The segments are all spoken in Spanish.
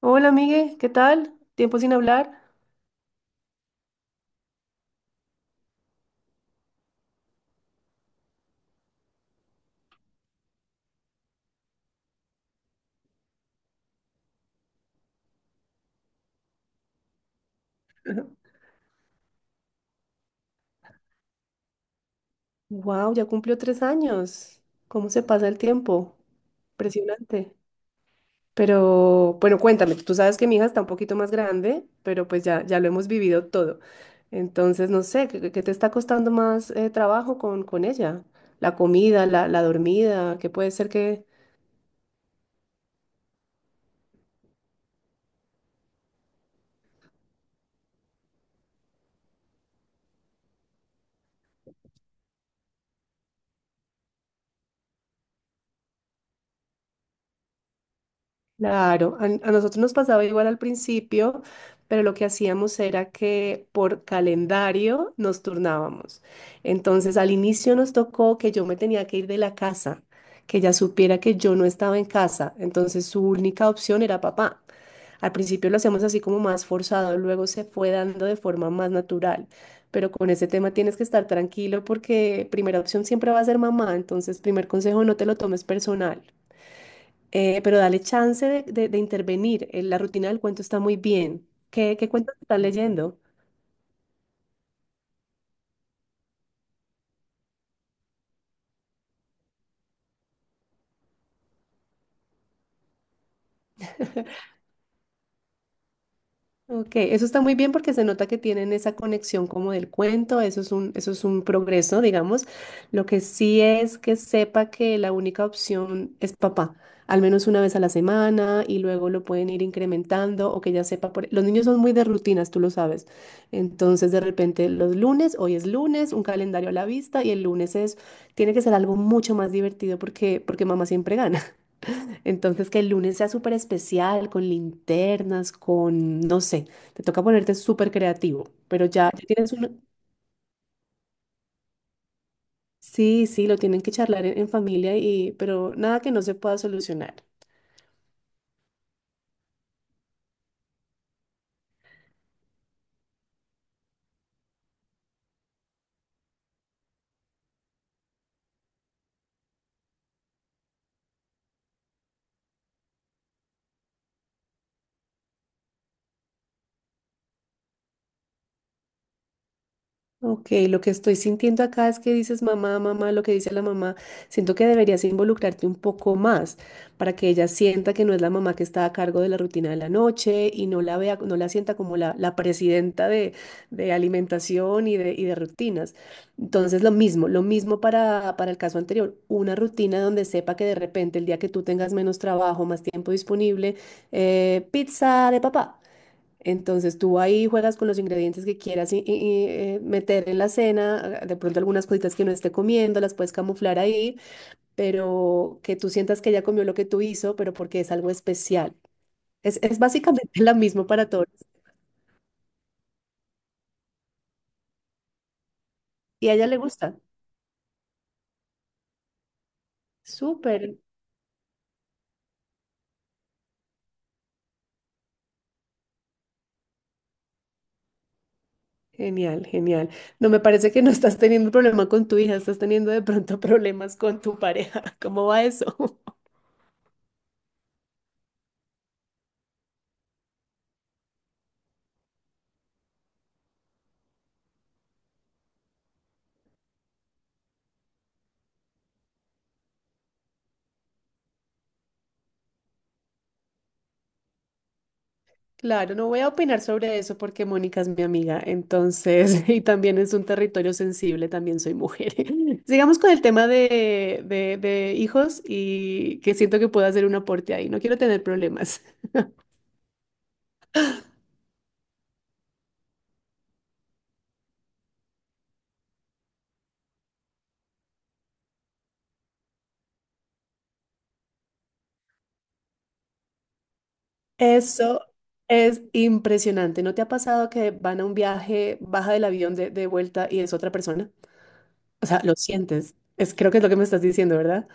Hola, Miguel, ¿qué tal? Tiempo sin hablar. Wow, ya cumplió 3 años. ¿Cómo se pasa el tiempo? Impresionante. Pero bueno, cuéntame, tú sabes que mi hija está un poquito más grande, pero pues ya lo hemos vivido todo. Entonces, no sé, ¿Qué te está costando más trabajo con ella? La comida, la dormida, ¿qué puede ser que? Claro, a nosotros nos pasaba igual al principio, pero lo que hacíamos era que por calendario nos turnábamos. Entonces, al inicio nos tocó que yo me tenía que ir de la casa, que ella supiera que yo no estaba en casa. Entonces, su única opción era papá. Al principio lo hacíamos así como más forzado, luego se fue dando de forma más natural. Pero con ese tema tienes que estar tranquilo porque primera opción siempre va a ser mamá. Entonces, primer consejo, no te lo tomes personal, pero dale chance de intervenir. La rutina del cuento está muy bien. ¿Qué cuentos estás leyendo? Ok, eso está muy bien porque se nota que tienen esa conexión como del cuento, eso es un progreso, digamos. Lo que sí es que sepa que la única opción es papá, al menos una vez a la semana y luego lo pueden ir incrementando o que ya sepa. Los niños son muy de rutinas, tú lo sabes. Entonces, de repente, los lunes, hoy es lunes, un calendario a la vista y el lunes es, tiene que ser algo mucho más divertido porque mamá siempre gana. Entonces, que el lunes sea súper especial, con linternas, con, no sé, te toca ponerte súper creativo, pero ya tienes un. Sí, sí, lo tienen que charlar en familia y, pero nada que no se pueda solucionar. Ok, lo que estoy sintiendo acá es que dices mamá, mamá, lo que dice la mamá. Siento que deberías involucrarte un poco más para que ella sienta que no es la mamá que está a cargo de la rutina de la noche y no la vea, no la sienta como la presidenta de alimentación y de rutinas. Entonces, lo mismo para el caso anterior. Una rutina donde sepa que de repente el día que tú tengas menos trabajo, más tiempo disponible, pizza de papá. Entonces tú ahí juegas con los ingredientes que quieras meter en la cena, de pronto algunas cositas que no esté comiendo, las puedes camuflar ahí, pero que tú sientas que ella comió lo que tú hizo, pero porque es algo especial. Es básicamente lo mismo para todos y a ella le gusta. Súper. Genial, genial. No me parece que no estás teniendo problema con tu hija, estás teniendo de pronto problemas con tu pareja. ¿Cómo va eso? Claro, no voy a opinar sobre eso porque Mónica es mi amiga, entonces, y también es un territorio sensible, también soy mujer. Sigamos con el tema de hijos y que siento que puedo hacer un aporte ahí, no quiero tener problemas. Eso es impresionante, ¿no te ha pasado que van a un viaje, baja del avión de vuelta y es otra persona? O sea, lo sientes, es, creo que es lo que me estás diciendo, ¿verdad?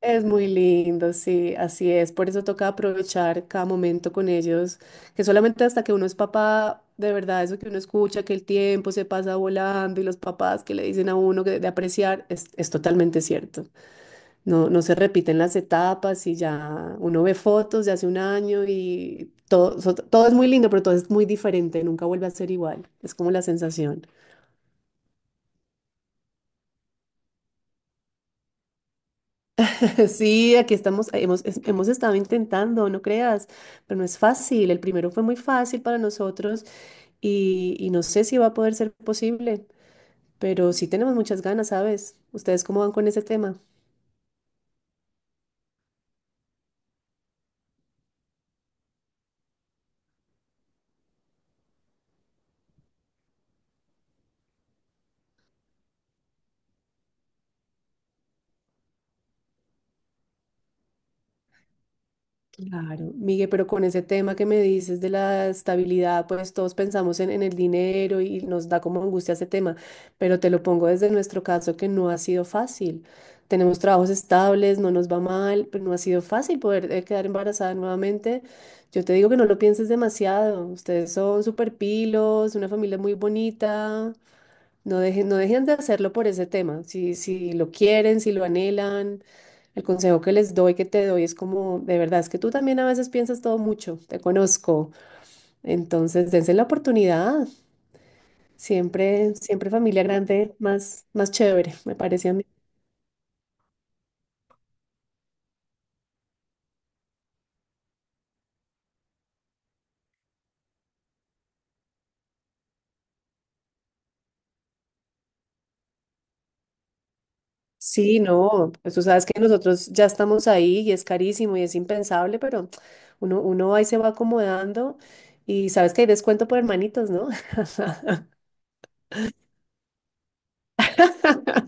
Es muy lindo, sí, así es. Por eso toca aprovechar cada momento con ellos, que solamente hasta que uno es papá, de verdad, eso que uno escucha, que el tiempo se pasa volando y los papás que le dicen a uno que de apreciar, es totalmente cierto. No, no se repiten las etapas y ya uno ve fotos de hace un año y todo, todo es muy lindo, pero todo es muy diferente, nunca vuelve a ser igual. Es como la sensación. Sí, aquí estamos, hemos estado intentando, no creas, pero no es fácil. El primero fue muy fácil para nosotros y no sé si va a poder ser posible, pero sí tenemos muchas ganas, ¿sabes? ¿Ustedes cómo van con ese tema? Claro, Miguel, pero con ese tema que me dices de la estabilidad, pues todos pensamos en el dinero y nos da como angustia ese tema, pero te lo pongo desde nuestro caso que no ha sido fácil. Tenemos trabajos estables, no nos va mal, pero no ha sido fácil poder quedar embarazada nuevamente. Yo te digo que no lo pienses demasiado, ustedes son súper pilos, una familia muy bonita, no dejen, no dejen de hacerlo por ese tema. Si, si lo quieren, si lo anhelan, el consejo que les doy, que te doy, es como, de verdad, es que tú también a veces piensas todo mucho, te conozco. Entonces, dense la oportunidad. Siempre, siempre familia grande, más, más chévere, me parece a mí. Sí, no, pues tú sabes que nosotros ya estamos ahí y es carísimo y es impensable, pero uno ahí se va acomodando y sabes que hay descuento por hermanitos, ¿no?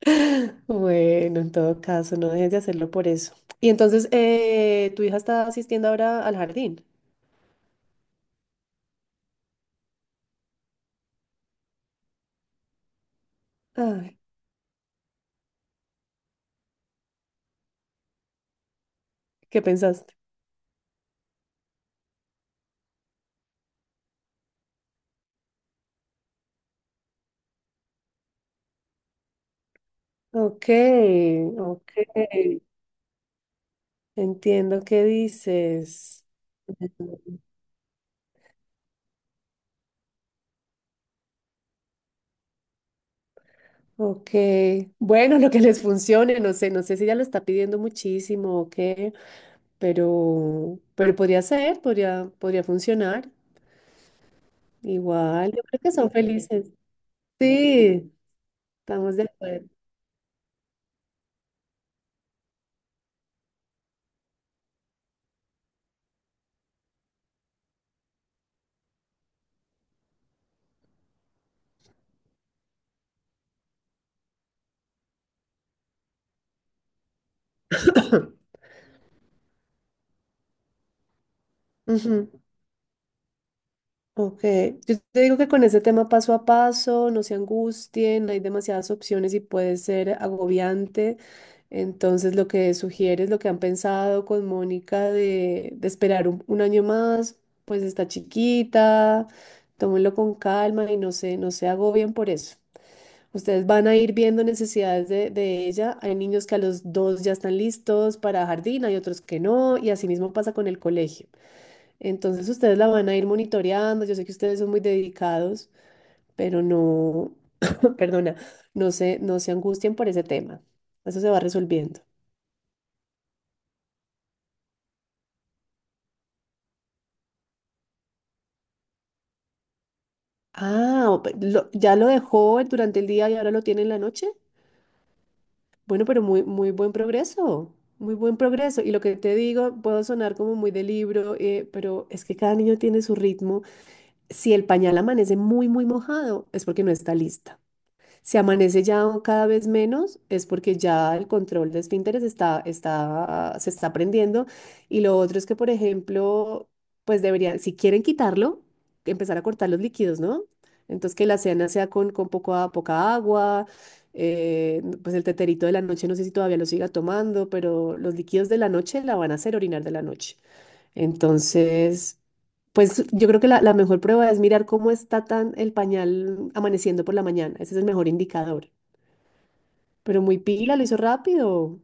Bueno, en todo caso, no dejes de hacerlo por eso. Y entonces, tu hija está asistiendo ahora al jardín. Ay, ¿qué pensaste? Ok, ok. Entiendo qué dices. Ujú. Ok. Bueno, lo que les funcione, no sé, no sé si ella lo está pidiendo muchísimo o qué, pero podría ser, podría funcionar. Igual, yo creo que son felices. Sí, estamos de acuerdo. Ujú. Ok, yo te digo que con ese tema paso a paso, no se angustien, hay demasiadas opciones y puede ser agobiante. Entonces, lo que sugieres, lo que han pensado con Mónica de esperar un año más, pues está chiquita, tómenlo con calma y no se, no se, agobien por eso. Ustedes van a ir viendo necesidades de ella. Hay niños que a los dos ya están listos para jardín, hay otros que no, y así mismo pasa con el colegio. Entonces ustedes la van a ir monitoreando. Yo sé que ustedes son muy dedicados, pero no, perdona, no se angustien por ese tema. Eso se va resolviendo. Ah, ya lo dejó durante el día y ahora lo tiene en la noche. Bueno, pero muy, muy buen progreso, muy buen progreso. Y lo que te digo, puedo sonar como muy de libro, pero es que cada niño tiene su ritmo. Si el pañal amanece muy, muy mojado, es porque no está lista. Si amanece ya cada vez menos, es porque ya el control de esfínteres se está aprendiendo. Y lo otro es que, por ejemplo, pues deberían, si quieren quitarlo, empezar a cortar los líquidos, ¿no? Entonces que la cena sea con poca, poca agua, pues el teterito de la noche, no sé si todavía lo siga tomando, pero los líquidos de la noche la van a hacer orinar de la noche. Entonces, pues yo creo que la mejor prueba es mirar cómo está tan el pañal amaneciendo por la mañana. Ese es el mejor indicador. Pero muy pila, lo hizo rápido.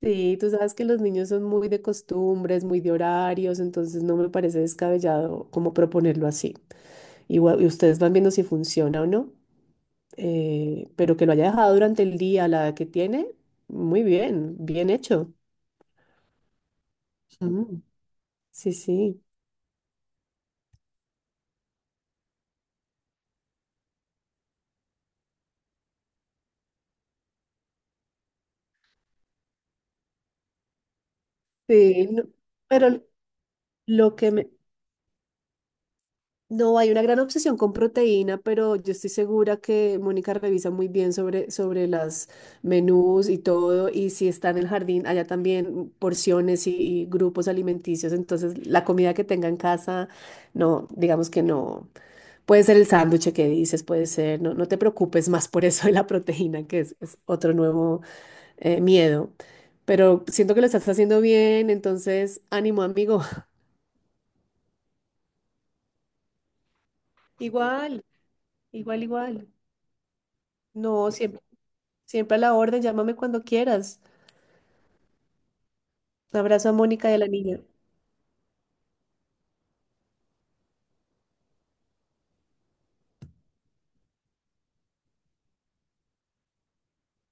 Sí, tú sabes que los niños son muy de costumbres, muy de horarios, entonces no me parece descabellado como proponerlo así. Igual, y ustedes van viendo si funciona o no. Pero que lo haya dejado durante el día, a la edad que tiene, muy bien, bien hecho. Ujú. Sí, sí. Sí, no. pero lo que me, No, hay una gran obsesión con proteína, pero yo estoy segura que Mónica revisa muy bien sobre las menús y todo, y si está en el jardín, allá también porciones y grupos alimenticios, entonces la comida que tenga en casa, no, digamos que no, puede ser el sándwich que dices, puede ser, no, no te preocupes más por eso de la proteína, que es otro nuevo miedo, pero siento que lo estás haciendo bien, entonces ánimo, amigo. Igual, igual, igual. No, siempre. Siempre a la orden, llámame cuando quieras. Un abrazo a Mónica y a la niña.